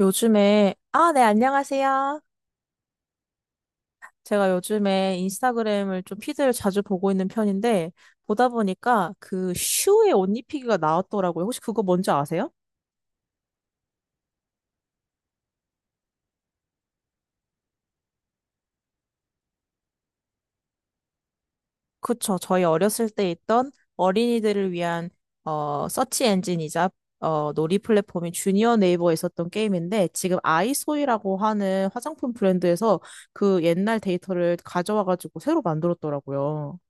아, 네, 안녕하세요. 제가 요즘에 인스타그램을 좀 피드를 자주 보고 있는 편인데, 보다 보니까 그 슈의 옷 입히기가 나왔더라고요. 혹시 그거 뭔지 아세요? 그쵸. 저희 어렸을 때 있던 어린이들을 위한, 서치 엔진이자, 놀이 플랫폼인 주니어 네이버에 있었던 게임인데, 지금 아이소이라고 하는 화장품 브랜드에서 그 옛날 데이터를 가져와가지고 새로 만들었더라고요.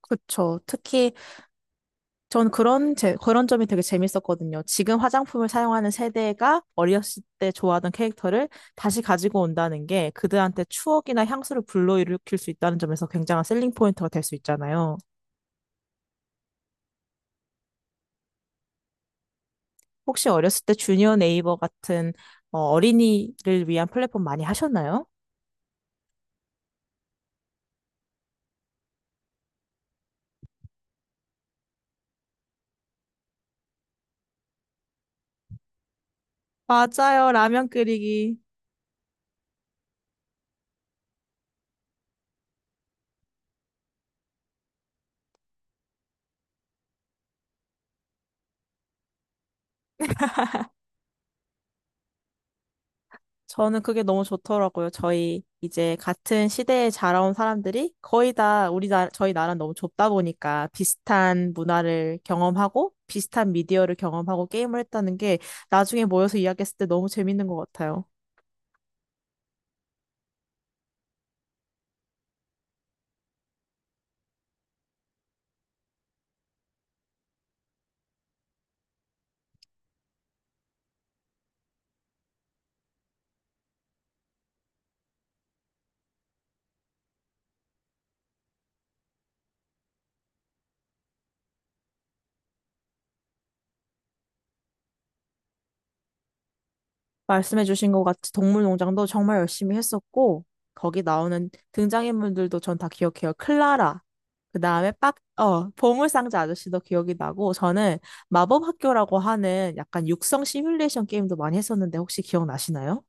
그쵸. 특히 전 그런 점이 되게 재밌었거든요. 지금 화장품을 사용하는 세대가 어렸을 때 좋아하던 캐릭터를 다시 가지고 온다는 게 그들한테 추억이나 향수를 불러일으킬 수 있다는 점에서 굉장한 셀링 포인트가 될 수 있잖아요. 혹시 어렸을 때 주니어 네이버 같은 어린이를 위한 플랫폼 많이 하셨나요? 맞아요. 라면 끓이기. 저는 그게 너무 좋더라고요. 저희 이제 같은 시대에 자라온 사람들이 거의 다 우리 나라, 저희 나라는 너무 좁다 보니까 비슷한 문화를 경험하고 비슷한 미디어를 경험하고 게임을 했다는 게 나중에 모여서 이야기했을 때 너무 재밌는 것 같아요. 말씀해주신 것 같이 동물농장도 정말 열심히 했었고, 거기 나오는 등장인물들도 전 다 기억해요. 클라라, 그 다음에 보물상자 아저씨도 기억이 나고, 저는 마법학교라고 하는 약간 육성 시뮬레이션 게임도 많이 했었는데 혹시 기억나시나요?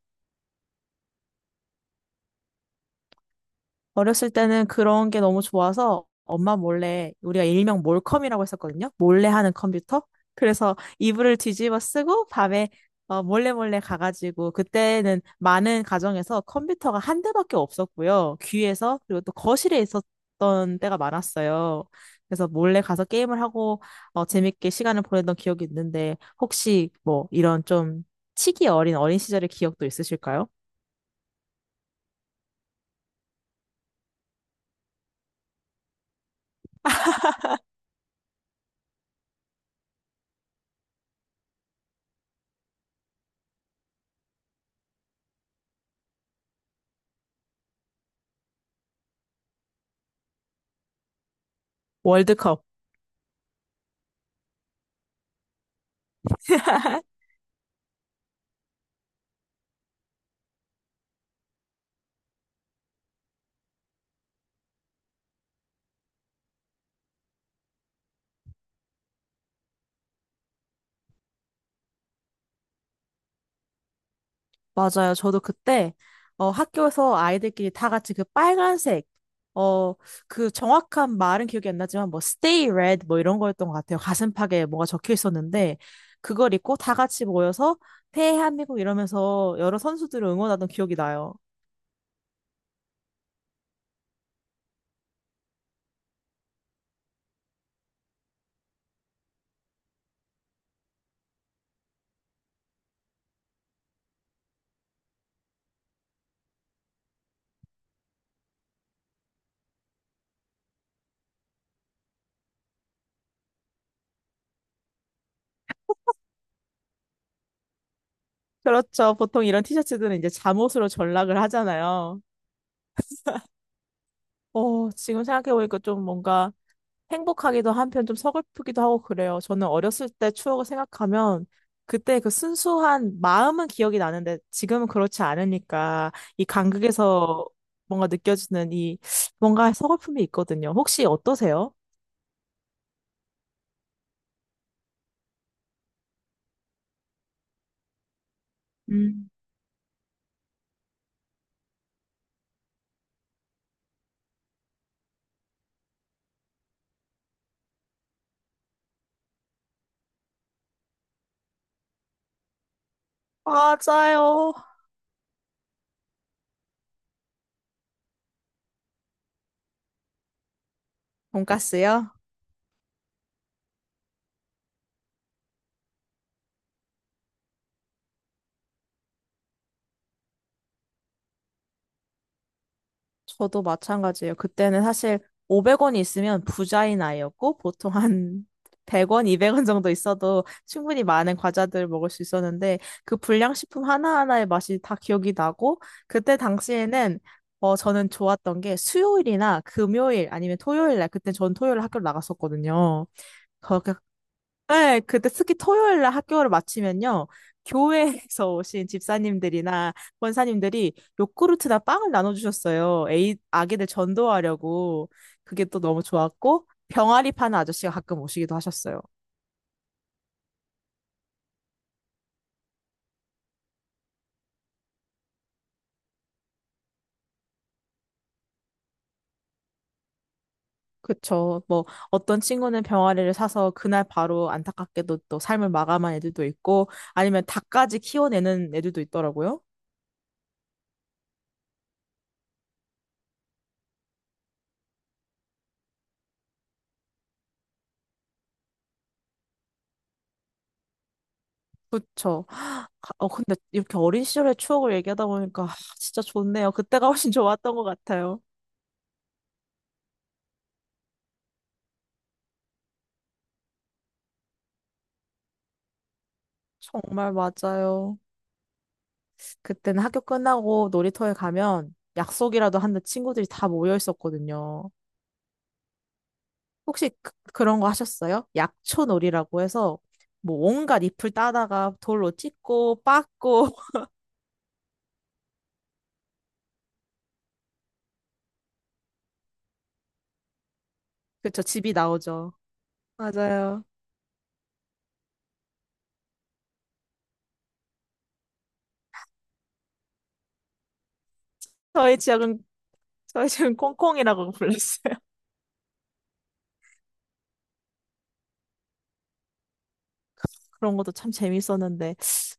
어렸을 때는 그런 게 너무 좋아서 엄마 몰래 우리가 일명 몰컴이라고 했었거든요. 몰래 하는 컴퓨터. 그래서 이불을 뒤집어 쓰고 밤에 몰래 몰래 가가지고 그때는 많은 가정에서 컴퓨터가 한 대밖에 없었고요. 귀에서 그리고 또 거실에 있었던 때가 많았어요. 그래서 몰래 가서 게임을 하고 재밌게 시간을 보내던 기억이 있는데 혹시 뭐 이런 좀 치기 어린 어린 시절의 기억도 있으실까요? 월드컵. 맞아요. 저도 그때 학교에서 아이들끼리 다 같이 그 빨간색 어, 그 정확한 말은 기억이 안 나지만 뭐 stay red 뭐 이런 거였던 것 같아요. 가슴팍에 뭐가 적혀 있었는데 그걸 입고 다 같이 모여서 대한민국 이러면서 여러 선수들을 응원하던 기억이 나요. 그렇죠. 보통 이런 티셔츠들은 이제 잠옷으로 전락을 하잖아요. 지금 생각해보니까 좀 뭔가 행복하기도 한편 좀 서글프기도 하고 그래요. 저는 어렸을 때 추억을 생각하면 그때 그 순수한 마음은 기억이 나는데 지금은 그렇지 않으니까 이 간극에서 뭔가 느껴지는 이 뭔가 서글픔이 있거든요. 혹시 어떠세요? 음. 맞아요. 돈가스요? 저도 마찬가지예요. 그때는 사실 500원이 있으면 부자인 아이였고 보통 한 100원, 200원 정도 있어도 충분히 많은 과자들을 먹을 수 있었는데 그 불량식품 하나하나의 맛이 다 기억이 나고 그때 당시에는 저는 좋았던 게 수요일이나 금요일 아니면 토요일 날 그때 전 토요일 학교를 나갔었거든요. 그렇게 네, 그때 특히 토요일 날 학교를 마치면요. 교회에서 오신 집사님들이나 권사님들이 요구르트나 빵을 나눠주셨어요. 에이, 아기들 전도하려고. 그게 또 너무 좋았고, 병아리 파는 아저씨가 가끔 오시기도 하셨어요. 그쵸. 뭐, 어떤 친구는 병아리를 사서 그날 바로 안타깝게도 또 삶을 마감한 애들도 있고, 아니면 닭까지 키워내는 애들도 있더라고요. 그쵸. 근데 이렇게 어린 시절의 추억을 얘기하다 보니까 아, 진짜 좋네요. 그때가 훨씬 좋았던 것 같아요. 정말 맞아요. 그때는 학교 끝나고 놀이터에 가면 약속이라도 하는 친구들이 다 모여 있었거든요. 혹시 그런 거 하셨어요? 약초놀이라고 해서 뭐 온갖 잎을 따다가 돌로 찍고 빻고 그쵸, 집이 나오죠. 맞아요. 저희 지역은 저희 지역은 콩콩이라고 불렀어요. 그런 것도 참 재밌었는데,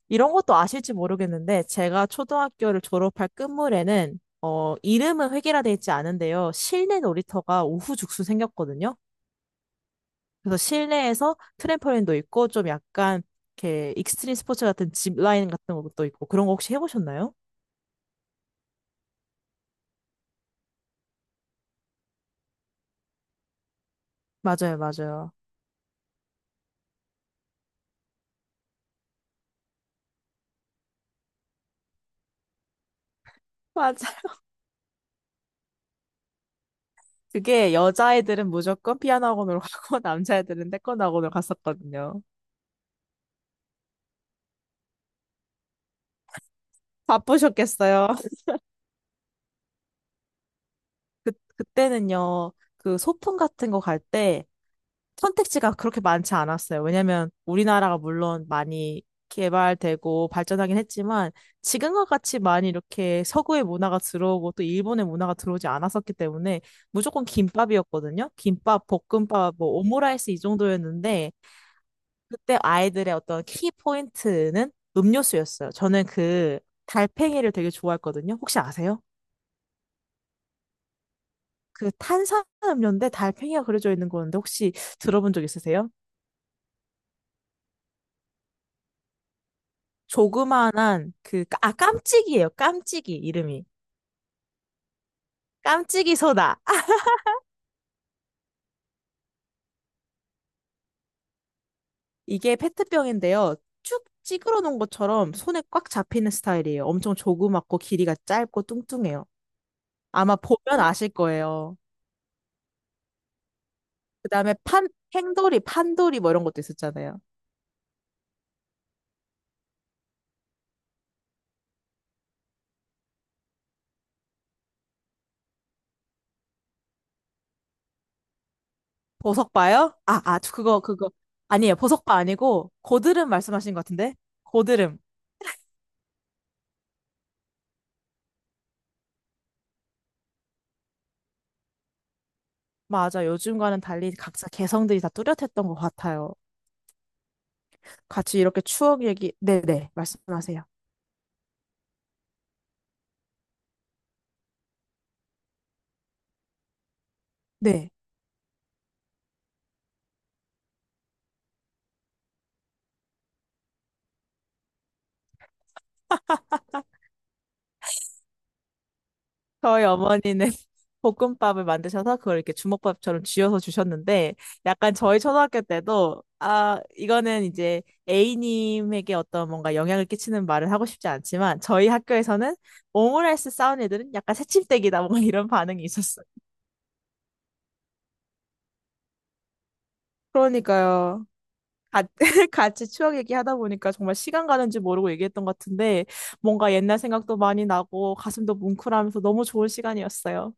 이런 것도 아실지 모르겠는데, 제가 초등학교를 졸업할 끝물에는, 이름은 획일화돼 있지 않은데요. 실내 놀이터가 우후죽순 생겼거든요. 그래서 실내에서 트램펄린도 있고, 좀 약간, 이렇게 익스트림 스포츠 같은 짚라인 같은 것도 있고, 그런 거 혹시 해보셨나요? 맞아요, 맞아요. 맞아. 그게 여자애들은 무조건 피아노 학원으로 가고, 남자애들은 태권도 학원으로 갔었거든요. 바쁘셨겠어요. 그, 그때는요, 그 소풍 같은 거 갈 때, 선택지가 그렇게 많지 않았어요. 왜냐면 우리나라가 물론 많이 개발되고 발전하긴 했지만 지금과 같이 많이 이렇게 서구의 문화가 들어오고 또 일본의 문화가 들어오지 않았었기 때문에 무조건 김밥이었거든요. 김밥, 볶음밥, 뭐 오므라이스 이 정도였는데 그때 아이들의 어떤 키 포인트는 음료수였어요. 저는 그 달팽이를 되게 좋아했거든요. 혹시 아세요? 그 탄산음료인데 달팽이가 그려져 있는 건데 혹시 들어본 적 있으세요? 조그만한 깜찍이에요. 깜찍이, 이름이. 깜찍이 소다. 아! 이게 페트병인데요. 쭉 찌그러 놓은 것처럼 손에 꽉 잡히는 스타일이에요. 엄청 조그맣고 길이가 짧고 뚱뚱해요. 아마 보면 아실 거예요. 그 다음에 행돌이, 판돌이 뭐 이런 것도 있었잖아요. 보석바요? 아, 아, 저 그거, 그거. 아니에요. 보석바 아니고, 고드름 말씀하신 것 같은데? 고드름. 맞아. 요즘과는 달리 각자 개성들이 다 뚜렷했던 것 같아요. 같이 이렇게 추억 얘기, 네네, 말씀하세요. 네. 저희 어머니는 볶음밥을 만드셔서 그걸 이렇게 주먹밥처럼 쥐어서 주셨는데 약간 저희 초등학교 때도 아 이거는 이제 A님에게 어떤 뭔가 영향을 끼치는 말을 하고 싶지 않지만 저희 학교에서는 오므라이스 싸운 애들은 약간 새침대기다 뭔가 이런 반응이 있었어요. 그러니까요. 같- 같이 추억 얘기하다 보니까 정말 시간 가는지 모르고 얘기했던 것 같은데 뭔가 옛날 생각도 많이 나고 가슴도 뭉클하면서 너무 좋은 시간이었어요.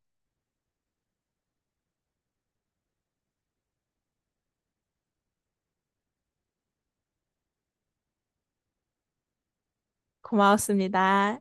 고마웠습니다.